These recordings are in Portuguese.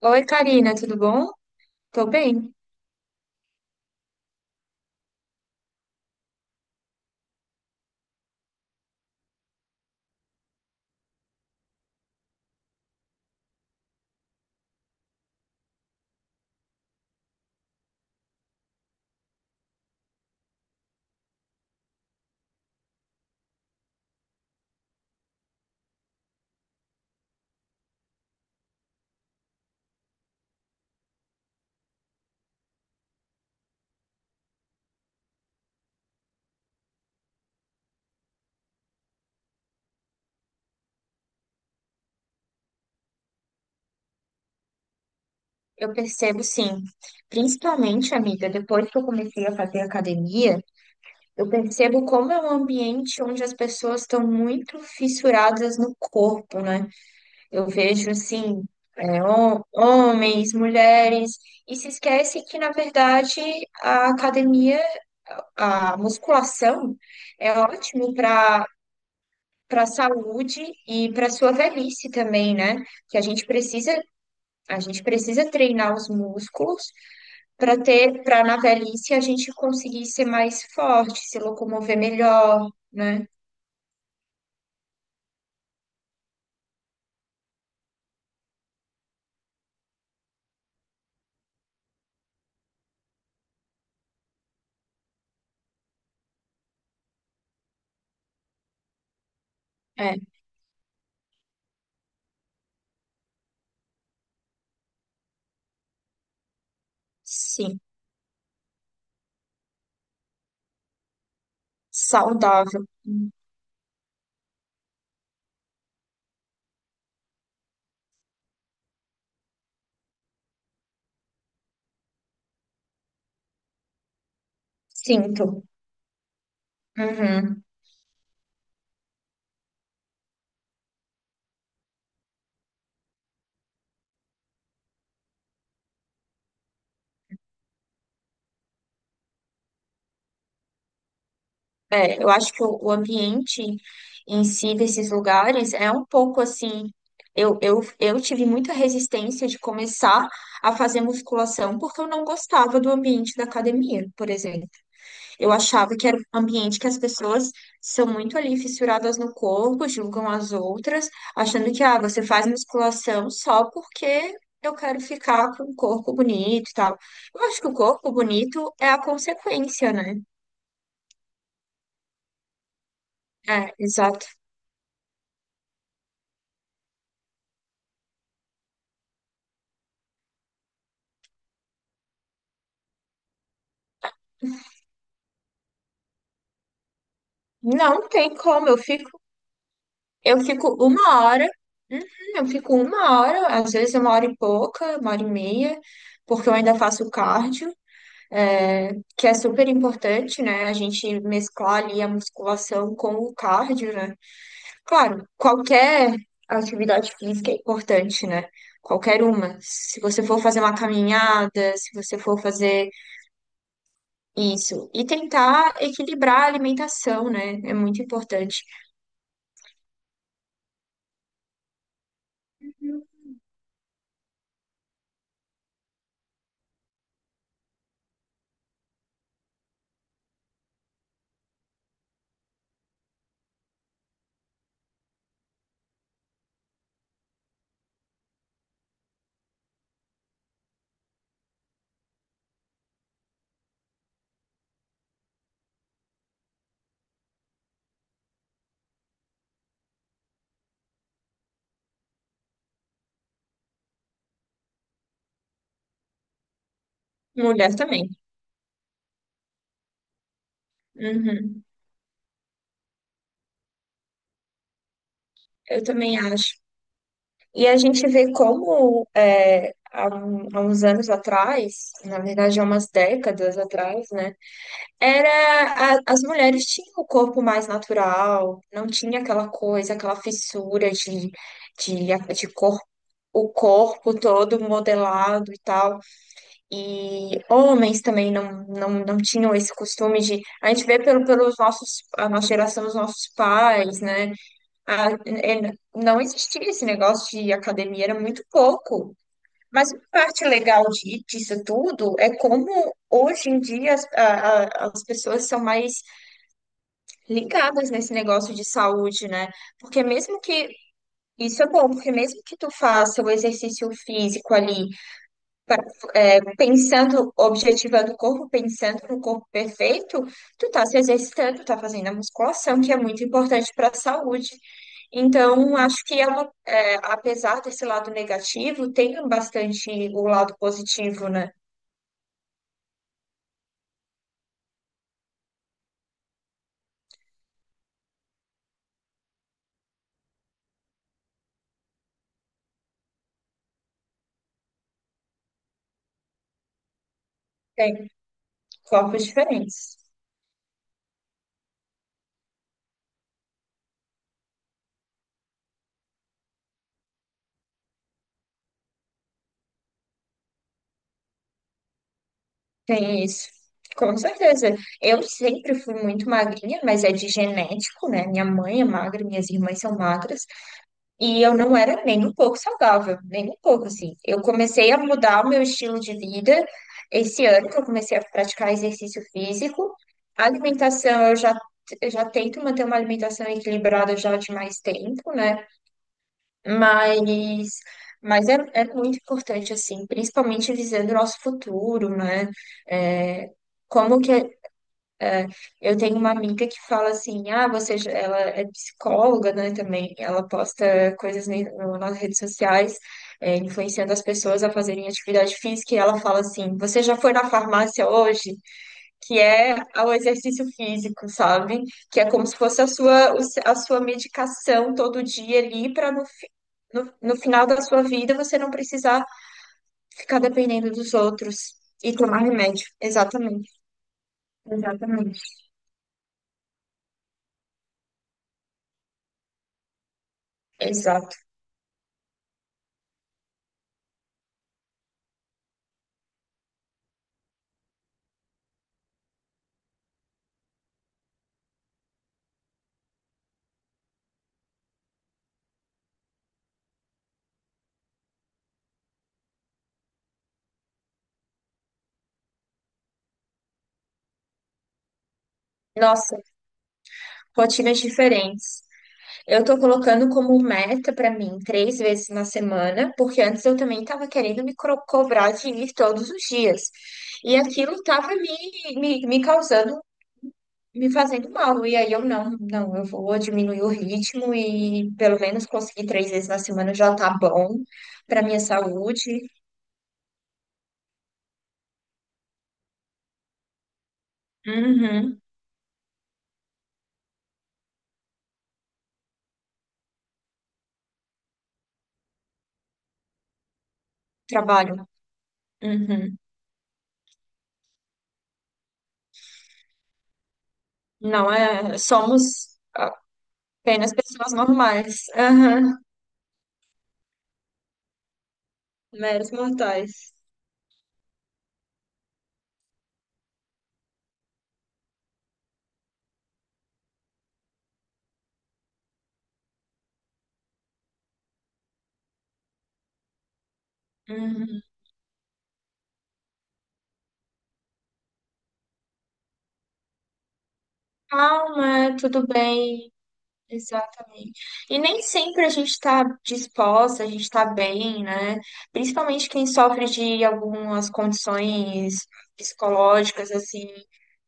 Oi, Karina, tudo bom? Tô bem. Eu percebo sim. Principalmente, amiga, depois que eu comecei a fazer academia, eu percebo como é um ambiente onde as pessoas estão muito fissuradas no corpo, né? Eu vejo assim, homens, mulheres, e se esquece que, na verdade, a academia, a musculação é ótimo para para a saúde e para sua velhice também, né? que a gente precisa A gente precisa treinar os músculos para ter, para na velhice a gente conseguir ser mais forte, se locomover melhor, né? É, sim, saudável. Sinto. Uhum. Eu acho que o ambiente em si desses lugares é um pouco assim. Eu tive muita resistência de começar a fazer musculação porque eu não gostava do ambiente da academia, por exemplo. Eu achava que era um ambiente que as pessoas são muito ali fissuradas no corpo, julgam as outras, achando que, ah, você faz musculação só porque eu quero ficar com um corpo bonito e tal. Eu acho que o corpo bonito é a consequência, né? É, exato. Não tem como, eu fico uma hora, uhum, eu fico uma hora, às vezes uma hora e pouca, uma hora e meia, porque eu ainda faço cardio. É, que é super importante, né? A gente mesclar ali a musculação com o cardio, né? Claro, qualquer atividade física é importante, né? Qualquer uma. Se você for fazer uma caminhada, se você for fazer isso. E tentar equilibrar a alimentação, né? É muito importante. Mulher também. Uhum. Eu também acho. E a gente vê como há uns anos atrás, na verdade há umas décadas atrás, né? As mulheres tinham o corpo mais natural, não tinha aquela coisa, aquela fissura de corpo, o corpo todo modelado e tal. E homens também não tinham esse costume de. A gente vê pelos nossos, a nossa geração, os nossos pais, né? Não existia esse negócio de academia, era muito pouco. Mas uma parte legal disso tudo é como hoje em dia as pessoas são mais ligadas nesse negócio de saúde, né? Porque mesmo que isso é bom, porque mesmo que tu faça o exercício físico ali, pra- pensando, objetivando o corpo, pensando no corpo perfeito, tu tá se exercitando, tá fazendo a musculação, que é muito importante para a saúde. Então, acho que é uma, é, apesar desse lado negativo, tem bastante o lado positivo, né? Tem corpos diferentes. Tem isso. Com certeza. Eu sempre fui muito magrinha, mas é de genético, né? Minha mãe é magra, minhas irmãs são magras, e eu não era nem um pouco saudável, nem um pouco, assim. Eu comecei a mudar o meu estilo de vida esse ano que eu comecei a praticar exercício físico. A alimentação, eu já tento manter uma alimentação equilibrada já de mais tempo, né? Mas, mas é, é muito importante, assim, principalmente visando o nosso futuro, né? É, como que é, eu tenho uma amiga que fala assim, ah, você, ela é psicóloga, né, também, ela posta coisas nas redes sociais, é, influenciando as pessoas a fazerem atividade física, e ela fala assim, você já foi na farmácia hoje? Que é o exercício físico, sabe? Que é como se fosse a sua, o se- a sua medicação todo dia ali para no, no final da sua vida você não precisar ficar dependendo dos outros e tomar remédio. Exatamente, exatamente, exato. Nossa, rotinas diferentes. Eu tô colocando como meta pra mim três vezes na semana, porque antes eu também tava querendo me cobrar de ir todos os dias. E aquilo tava me causando. Me fazendo mal, e aí eu não, eu vou diminuir o ritmo e pelo menos conseguir três vezes na semana já tá bom para minha saúde. Uhum, trabalho. Uhum. Não é, somos apenas pessoas normais. Aham, meros mortais. Uhum. Calma, é tudo bem, exatamente. E nem sempre a gente está disposta, a gente está bem, né? Principalmente quem sofre de algumas condições psicológicas, assim,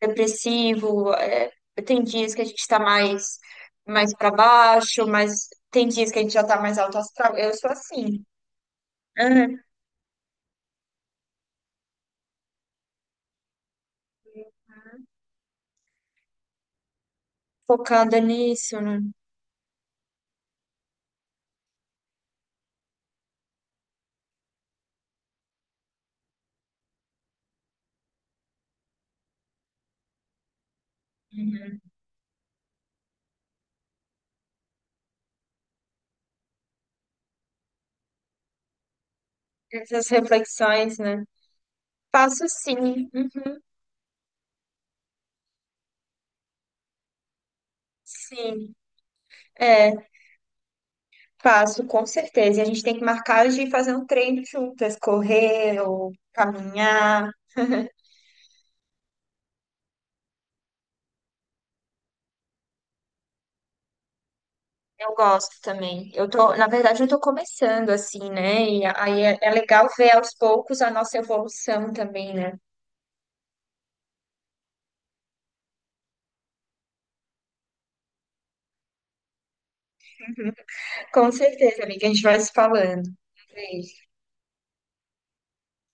depressivo. É, tem dias que a gente está mais, mais para baixo, mas tem dias que a gente já está mais alto astral. Eu sou assim. É, focada nisso, né? Uhum. Essas reflexões, né? Faço sim, uhum, sim, é, faço com certeza. E a gente tem que marcar de fazer um treino juntas, correr ou caminhar. Eu gosto também. Na verdade, eu tô começando assim, né? E aí é, é legal ver aos poucos a nossa evolução também, né? Com certeza, amiga, a gente vai se falando. Beijo.